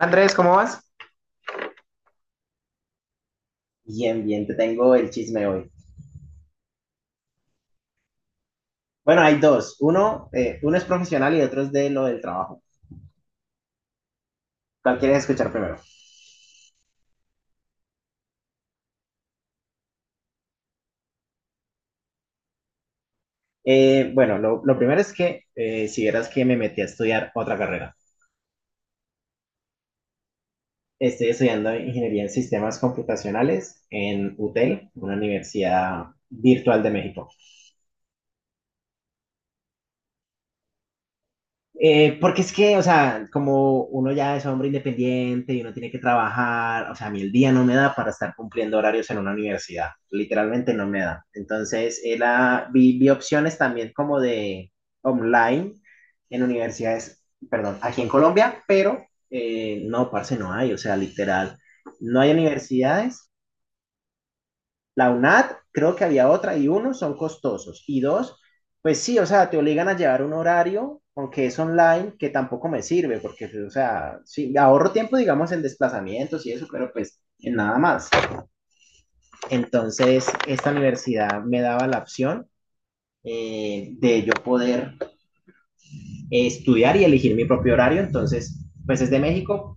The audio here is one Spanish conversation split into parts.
Andrés, ¿cómo vas? Bien, bien, te tengo el chisme hoy. Bueno, hay dos. Uno, uno es profesional y otro es de lo del trabajo. ¿Cuál quieres escuchar primero? Bueno, lo primero es que si vieras que me metí a estudiar otra carrera. Estoy estudiando ingeniería en sistemas computacionales en UTEL, una universidad virtual de México. Porque es que, o sea, como uno ya es hombre independiente y uno tiene que trabajar, o sea, a mí el día no me da para estar cumpliendo horarios en una universidad, literalmente no me da. Entonces, era, vi opciones también como de online en universidades, perdón, aquí en Colombia, pero no, parce, no hay, o sea, literal, no hay universidades la UNAD, creo que había otra, y uno, son costosos. Y dos, pues sí, o sea, te obligan a llevar un horario, aunque es online, que tampoco me sirve, porque, o sea, sí, ahorro tiempo, digamos, en desplazamientos y eso, pero pues en nada más. Entonces, esta universidad me daba la opción de yo poder estudiar y elegir mi propio horario. Entonces, pues desde México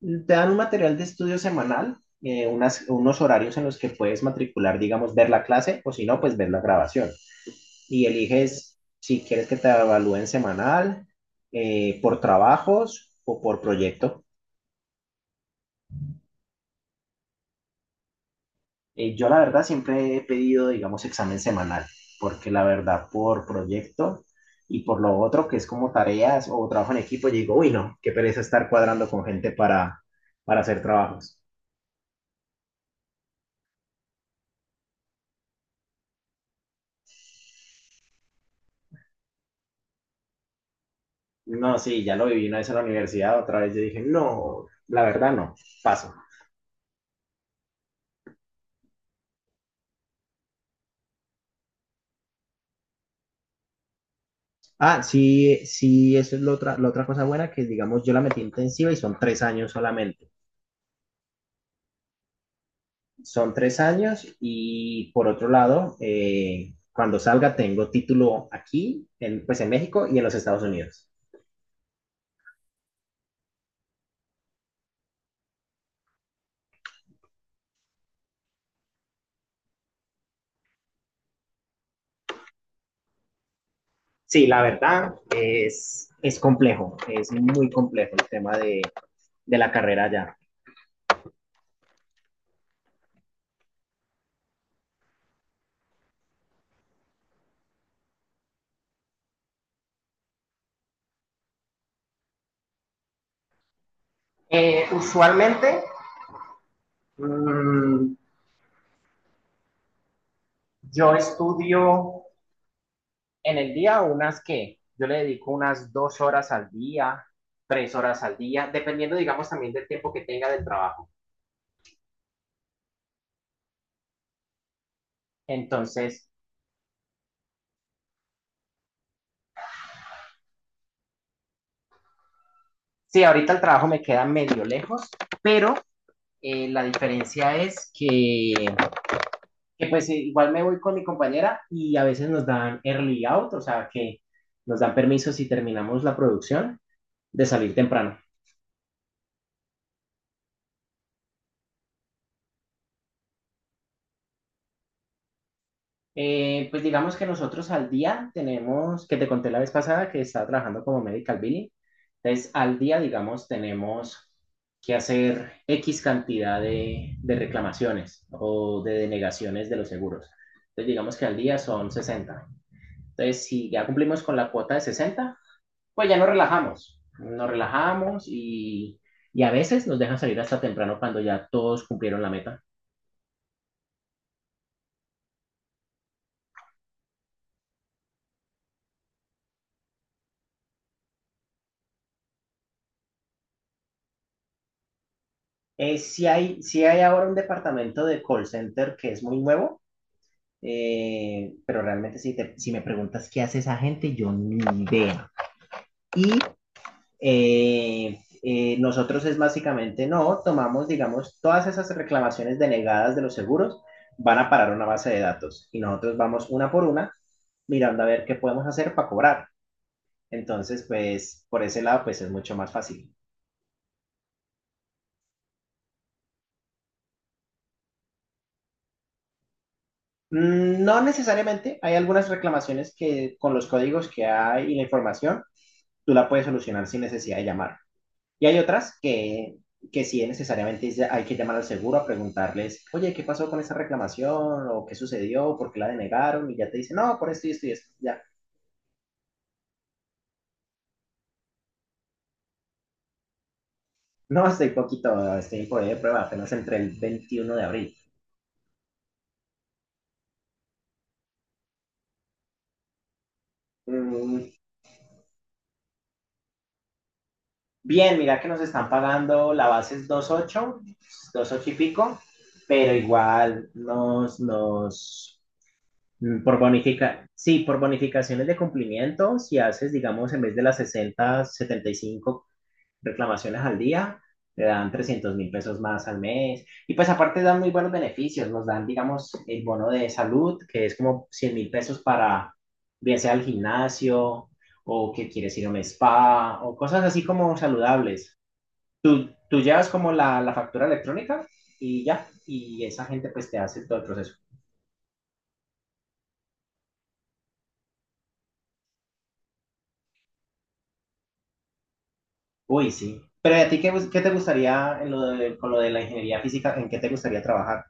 te dan un material de estudio semanal, unos horarios en los que puedes matricular, digamos, ver la clase o si no, pues ver la grabación. Y eliges si quieres que te evalúen semanal, por trabajos o por proyecto. Yo la verdad siempre he pedido, digamos, examen semanal, porque la verdad por proyecto y por lo otro que es como tareas o trabajo en equipo, yo digo, uy, no, qué pereza estar cuadrando con gente para hacer trabajos. No, sí, ya lo viví una vez en la universidad, otra vez yo dije, no, la verdad no, paso. Ah, sí, sí, eso es la otra cosa buena que, digamos, yo la metí intensiva y son tres años solamente. Son tres años y por otro lado, cuando salga tengo título aquí, en, pues en México y en los Estados Unidos. Sí, la verdad es complejo, es muy complejo el tema de la carrera allá. Usualmente mm, yo estudio en el día unas que yo le dedico unas dos horas al día, tres horas al día, dependiendo, digamos, también del tiempo que tenga del trabajo. Entonces, sí, ahorita el trabajo me queda medio lejos, pero la diferencia es que, pues igual me voy con mi compañera y a veces nos dan early out, o sea que nos dan permiso si terminamos la producción de salir temprano. Pues digamos que nosotros al día tenemos, que te conté la vez pasada que estaba trabajando como medical billing, entonces al día, digamos, tenemos que hacer X cantidad de reclamaciones o de denegaciones de los seguros. Entonces digamos que al día son 60. Entonces si ya cumplimos con la cuota de 60, pues ya nos relajamos y a veces nos dejan salir hasta temprano cuando ya todos cumplieron la meta. Sí hay, sí hay ahora un departamento de call center que es muy nuevo, pero realmente si, si me preguntas qué hace esa gente, yo ni idea. Y nosotros es básicamente, no, tomamos, digamos, todas esas reclamaciones denegadas de los seguros van a parar una base de datos y nosotros vamos una por una mirando a ver qué podemos hacer para cobrar. Entonces, pues por ese lado, pues es mucho más fácil. Mm, no necesariamente, hay algunas reclamaciones que con los códigos que hay y la información, tú la puedes solucionar sin necesidad de llamar. Y hay otras que sí necesariamente hay que llamar al seguro a preguntarles, oye, ¿qué pasó con esa reclamación? ¿O qué sucedió? ¿Por qué la denegaron? Y ya te dicen, no, por esto y esto y esto. Ya. No, estoy poquito, estoy en poder de prueba, apenas entre el 21 de abril. Mm, bien, mira que nos están pagando, la base es 2.8, ocho y pico, pero igual nos, nos, mm, por sí, por bonificaciones de cumplimiento, si haces, digamos, en vez de las 60 75 reclamaciones al día, te dan 300.000 pesos más al mes. Y pues aparte dan muy buenos beneficios, nos dan, digamos, el bono de salud, que es como 100.000 pesos para, bien sea al gimnasio o que quieres ir a un spa o cosas así como saludables. Tú llevas como la factura electrónica y ya, y esa gente pues te hace todo el proceso. Uy, sí. Pero ¿y a ti qué, qué te gustaría en lo con lo de la ingeniería física, en qué te gustaría trabajar?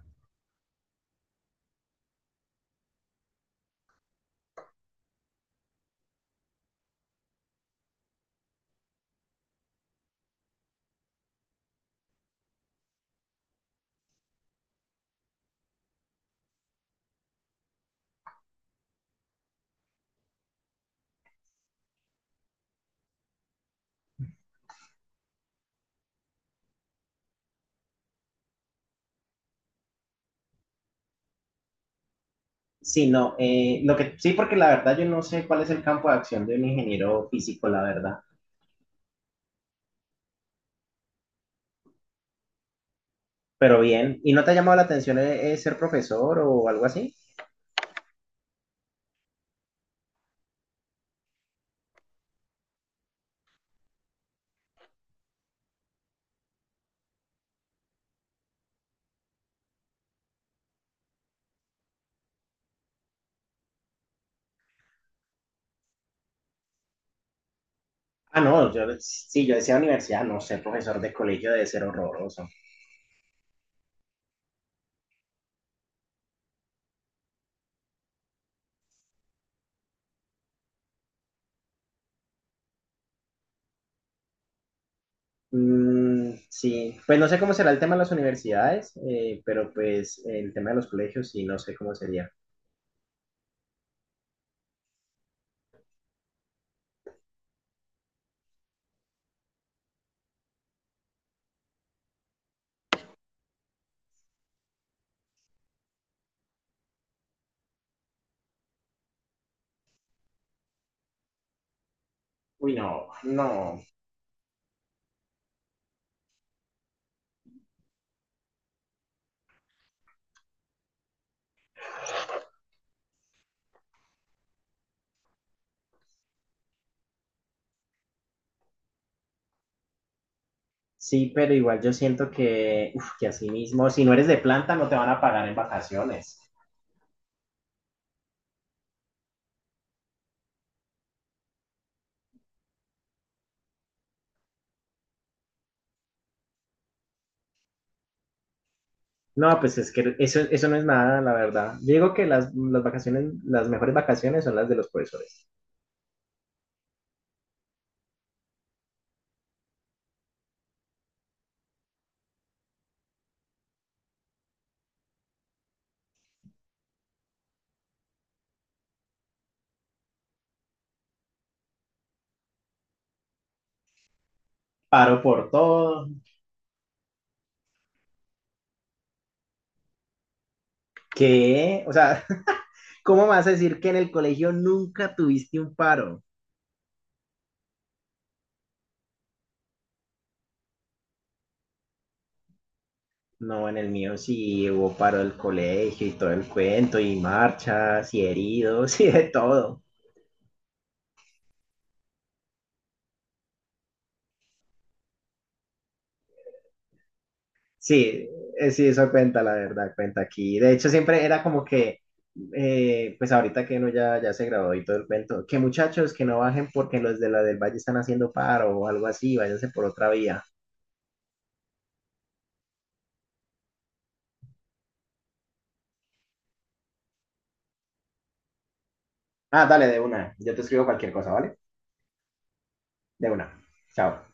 Sí, no, lo que, sí, porque la verdad yo no sé cuál es el campo de acción de un ingeniero físico, la verdad. Pero bien, ¿y no te ha llamado la atención ser profesor o algo así? Ah, no, yo sí, yo decía universidad, no, ser profesor de colegio debe ser horroroso. Mm, sí, pues no sé cómo será el tema de las universidades, pero pues el tema de los colegios sí, no sé cómo sería. Uy, no, no, sí, pero igual yo siento que, uf, que así mismo, si no eres de planta, no te van a pagar en vacaciones. No, pues es que eso no es nada, la verdad. Yo digo que las vacaciones, las mejores vacaciones son las de los profesores. Paro por todo. ¿Qué? O sea, ¿cómo vas a decir que en el colegio nunca tuviste un paro? No, en el mío sí hubo paro del colegio y todo el cuento, y marchas, y heridos, y de todo. Sí, sí, eso cuenta, la verdad, cuenta aquí. De hecho, siempre era como que, pues ahorita que uno ya, ya se graduó y todo el cuento, que muchachos que no bajen porque los de la del Valle están haciendo paro o algo así, váyanse por otra vía. Ah, dale, de una. Yo te escribo cualquier cosa, ¿vale? De una. Chao.